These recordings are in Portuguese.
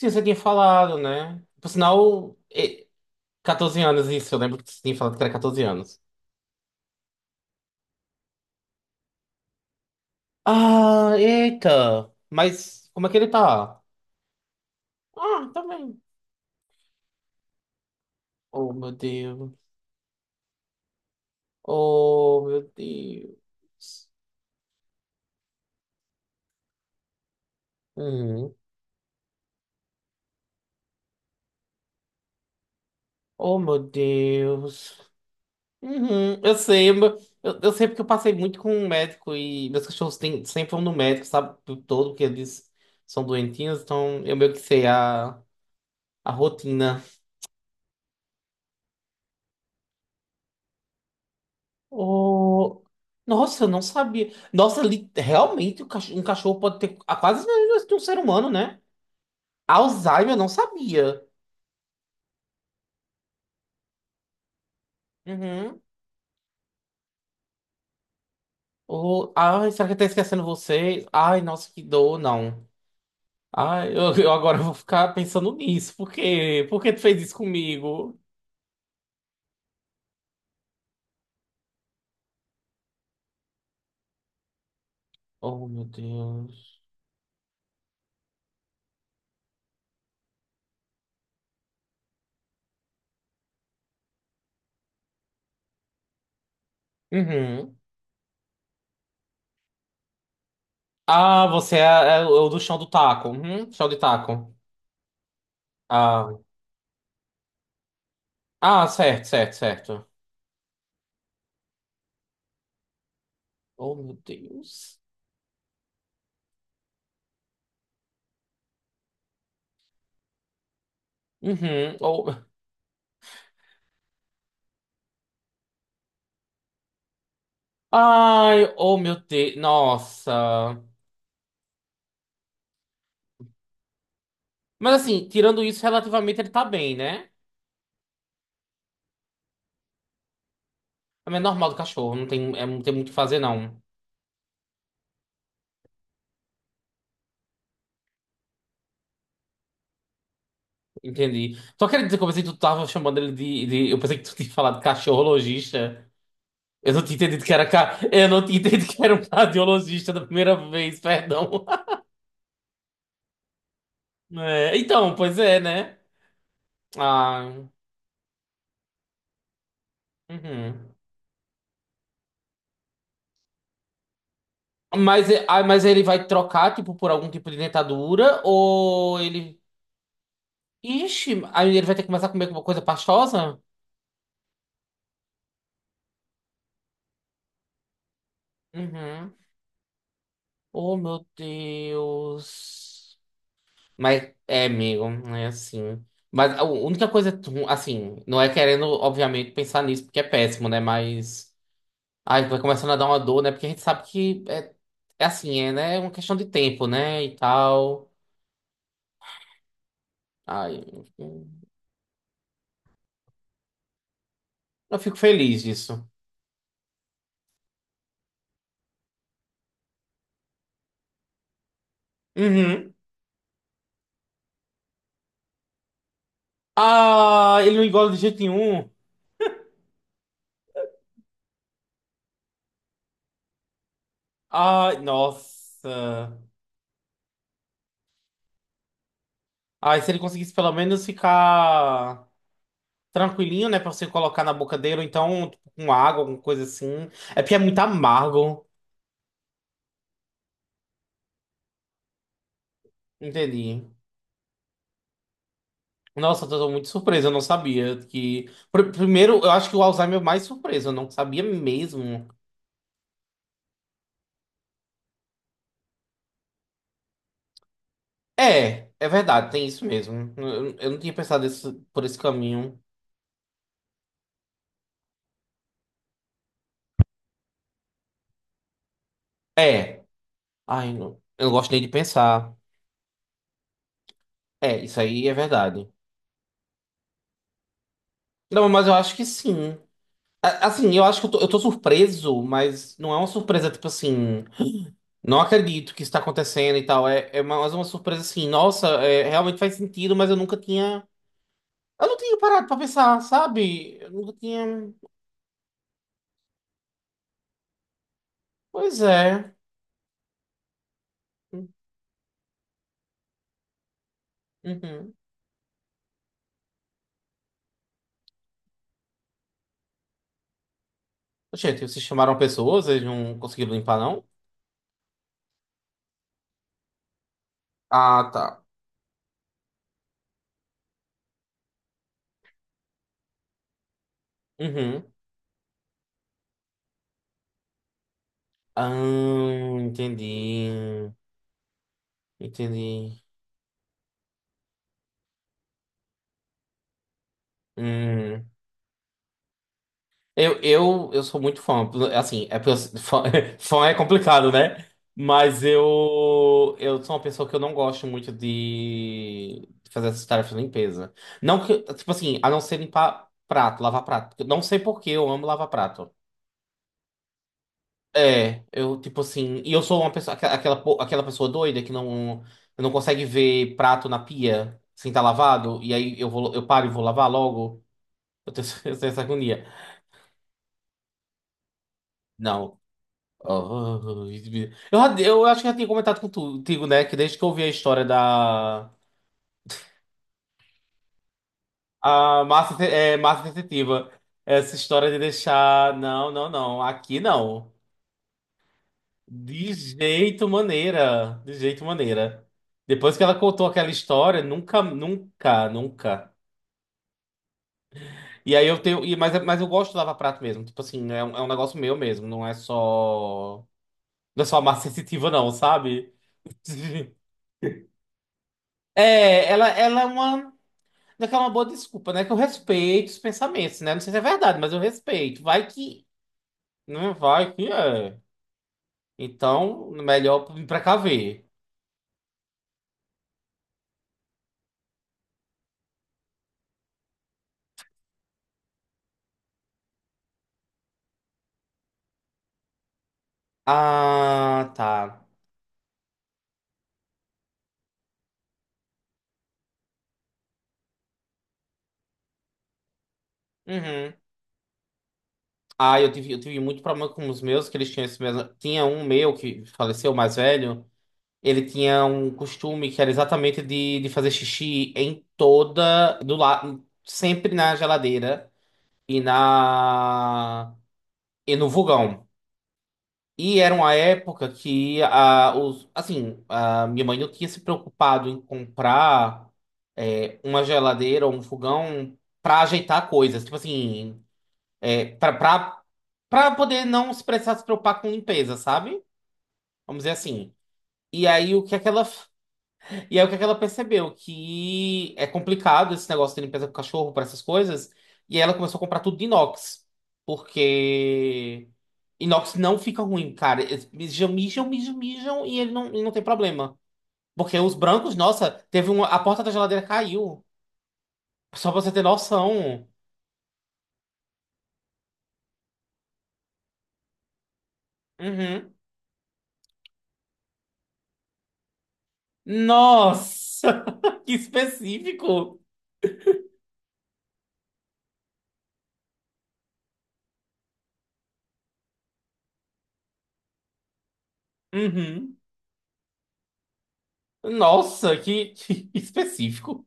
Sim, você tinha falado, né? Por sinal, 14 anos, isso, eu lembro que você tinha falado que era 14 anos. Ah, eita! Mas como é que ele tá? Ah, tá bem. Oh, meu Deus. Oh, meu Deus. Uhum. Oh, meu Deus. Uhum. Eu sei porque eu passei muito com um médico e meus cachorros têm, sempre vão no médico, sabe? O tempo todo, porque eles são doentinhos, então eu meio que sei a rotina. Oh, nossa, eu não sabia. Nossa, realmente um cachorro pode ter a quase as mesmas doenças que um ser humano, né? Alzheimer, eu não sabia. Uhum. Oh, ai, será que eu tô esquecendo vocês? Ai, nossa, que dor, não. Ai, eu agora vou ficar pensando nisso. Por quê? Por que tu fez isso comigo? Oh, meu Deus. Uhum. Ah, você é o do chão do taco. Uhum, chão de taco. Ah, ah, certo, certo, certo. Oh, meu Deus. Uhum. Oh. Ai, oh meu Deus. Nossa. Mas assim, tirando isso, relativamente ele tá bem, né? Mas é normal do cachorro, não tem, não tem muito o que fazer, não. Entendi. Só queria dizer que eu pensei que tu tava chamando ele Eu pensei que tu tinha falado cachorro logista. Eu não tinha entendido que era. Eu não tinha entendido que era um cardiologista da primeira vez, perdão. É, então, pois é, né? Ah, uhum. Mas, mas ele vai trocar, tipo, por algum tipo de dentadura? Ou ele. Ixi, aí ele vai ter que começar a comer alguma coisa pastosa? Uhum. Oh, meu Deus. Mas é, amigo, é assim. Mas a única coisa, assim, não é querendo, obviamente, pensar nisso, porque é péssimo, né? Mas. Ai, vai começando a dar uma dor, né? Porque a gente sabe que é, é assim, é, né? É uma questão de tempo, né? E tal. Ai, eu fico feliz disso. Uhum. Ah, ele não engole de jeito nenhum. Ai, nossa. Aí se ele conseguisse pelo menos ficar tranquilinho, né, pra você colocar na boca dele, ou então tipo, com água, alguma coisa assim. É porque é muito amargo, entendi. Nossa, eu tô muito surpreso, eu não sabia que... Primeiro, eu acho que o Alzheimer é o mais surpreso, eu não sabia mesmo. É, é verdade, tem isso mesmo. Eu não tinha pensado por esse caminho. É, ai, não, eu não gosto nem de pensar. É, isso aí é verdade. Não, mas eu acho que sim. Assim, eu acho que eu tô surpreso, mas não é uma surpresa, tipo assim, não acredito que isso tá acontecendo e tal. É, é mais uma surpresa assim, nossa, é, realmente faz sentido, mas eu nunca tinha. Eu não tinha parado pra pensar, sabe? Eu nunca tinha. Pois é. Uhum. Gente, vocês chamaram pessoas, eles não conseguiram limpar, não? Ah, tá. Uhum. Ah, entendi. Entendi. Hum. Eu sou muito fã. Assim, é, fã, fã é complicado, né? Mas eu sou uma pessoa que eu não gosto muito de fazer essas tarefas de limpeza. Não que, tipo assim, a não ser limpar prato, lavar prato. Eu não sei por que eu amo lavar prato. É, eu, tipo assim, e eu sou uma pessoa, aquela pessoa doida que não, não consegue ver prato na pia sem estar lavado, e aí eu paro e vou lavar logo. Eu tenho, eu tenho essa agonia. Não. Oh, eu acho que já tinha comentado contigo, né? Que desde que eu ouvi a história da a massa, massa sensitiva, essa história de deixar. Não, não, não. Aqui não. De jeito maneira. De jeito maneira. Depois que ela contou aquela história, nunca, nunca, nunca. E aí eu tenho. Mas eu gosto do Lava Prato mesmo. Tipo assim, é é um negócio meu mesmo. Não é só. Não é só a massa sensitiva, não, sabe? É, ela é uma. Não é que é uma boa desculpa, né? Que eu respeito os pensamentos, né? Não sei se é verdade, mas eu respeito. Vai que. Não vai que é. Então, melhor me precaver. Ah, tá. Uhum. Ah, eu tive muito problema com os meus, que eles tinham esse mesmo. Tinha um meu que faleceu, o mais velho. Ele tinha um costume que era exatamente de fazer xixi em toda. Do lado, sempre na geladeira e na. E no vulgão. E era uma época que assim, a minha mãe não tinha se preocupado em comprar uma geladeira ou um fogão para ajeitar coisas, tipo assim, para para poder não se precisar se preocupar com limpeza, sabe? Vamos dizer assim. E aí o que é que ela e aí o que é que ela percebeu? Que é complicado esse negócio de limpeza com cachorro para essas coisas. E aí ela começou a comprar tudo de inox. Porque inox não fica ruim, cara. Eles mijam, mijam, mijam, mijam e ele não, e não tem problema. Porque os brancos, nossa, teve uma. A porta da geladeira caiu. Só pra você ter noção. Uhum. Nossa! Que específico! Uhum. Nossa, que específico.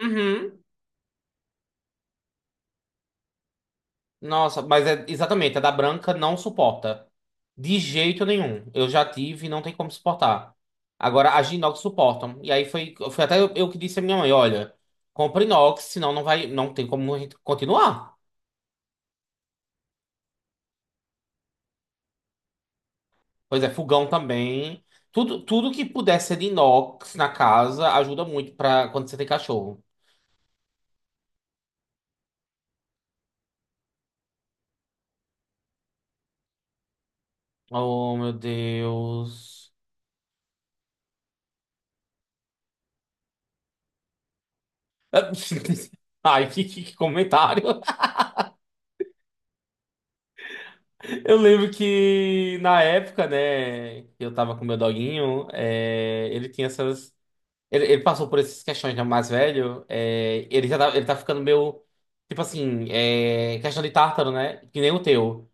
Uhum. Nossa, mas é exatamente, a da branca não suporta. De jeito nenhum. Eu já tive e não tem como suportar. Agora, as de inox suportam. E aí foi, foi até eu que disse à minha mãe, olha, compra inox, senão não vai, não tem como a gente continuar. Pois é, fogão também. Tudo, tudo que puder ser de inox na casa ajuda muito para quando você tem cachorro. Oh, meu Deus. Ai, que que comentário. Eu lembro que na época, né, que eu tava com meu doguinho, é, ele tinha essas. Ele passou por essas questões já mais velho. É, ele tá ficando meio. Tipo assim, é, questão de tártaro, né? Que nem o teu.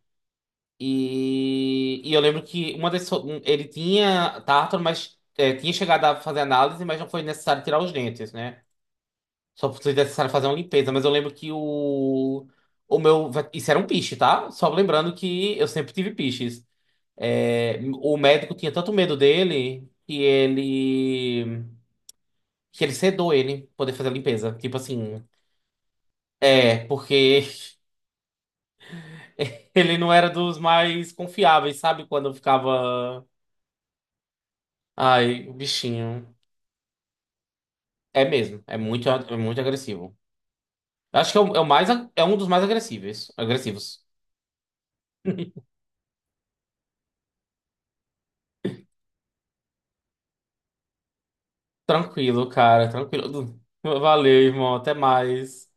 E eu lembro que uma das. Ele tinha tártaro, mas é, tinha chegado a fazer análise, mas não foi necessário tirar os dentes, né? Só foi necessário fazer uma limpeza. Mas eu lembro que o. O meu. Isso era um piche, tá? Só lembrando que eu sempre tive piches. É, o médico tinha tanto medo dele que ele sedou ele pra poder fazer a limpeza. Tipo assim, é, porque ele não era dos mais confiáveis, sabe? Quando eu ficava, ai, o bichinho. É mesmo, é muito agressivo. Eu acho que é é o mais é um dos mais agressivos. Tranquilo, cara, tranquilo. Valeu, irmão, até mais.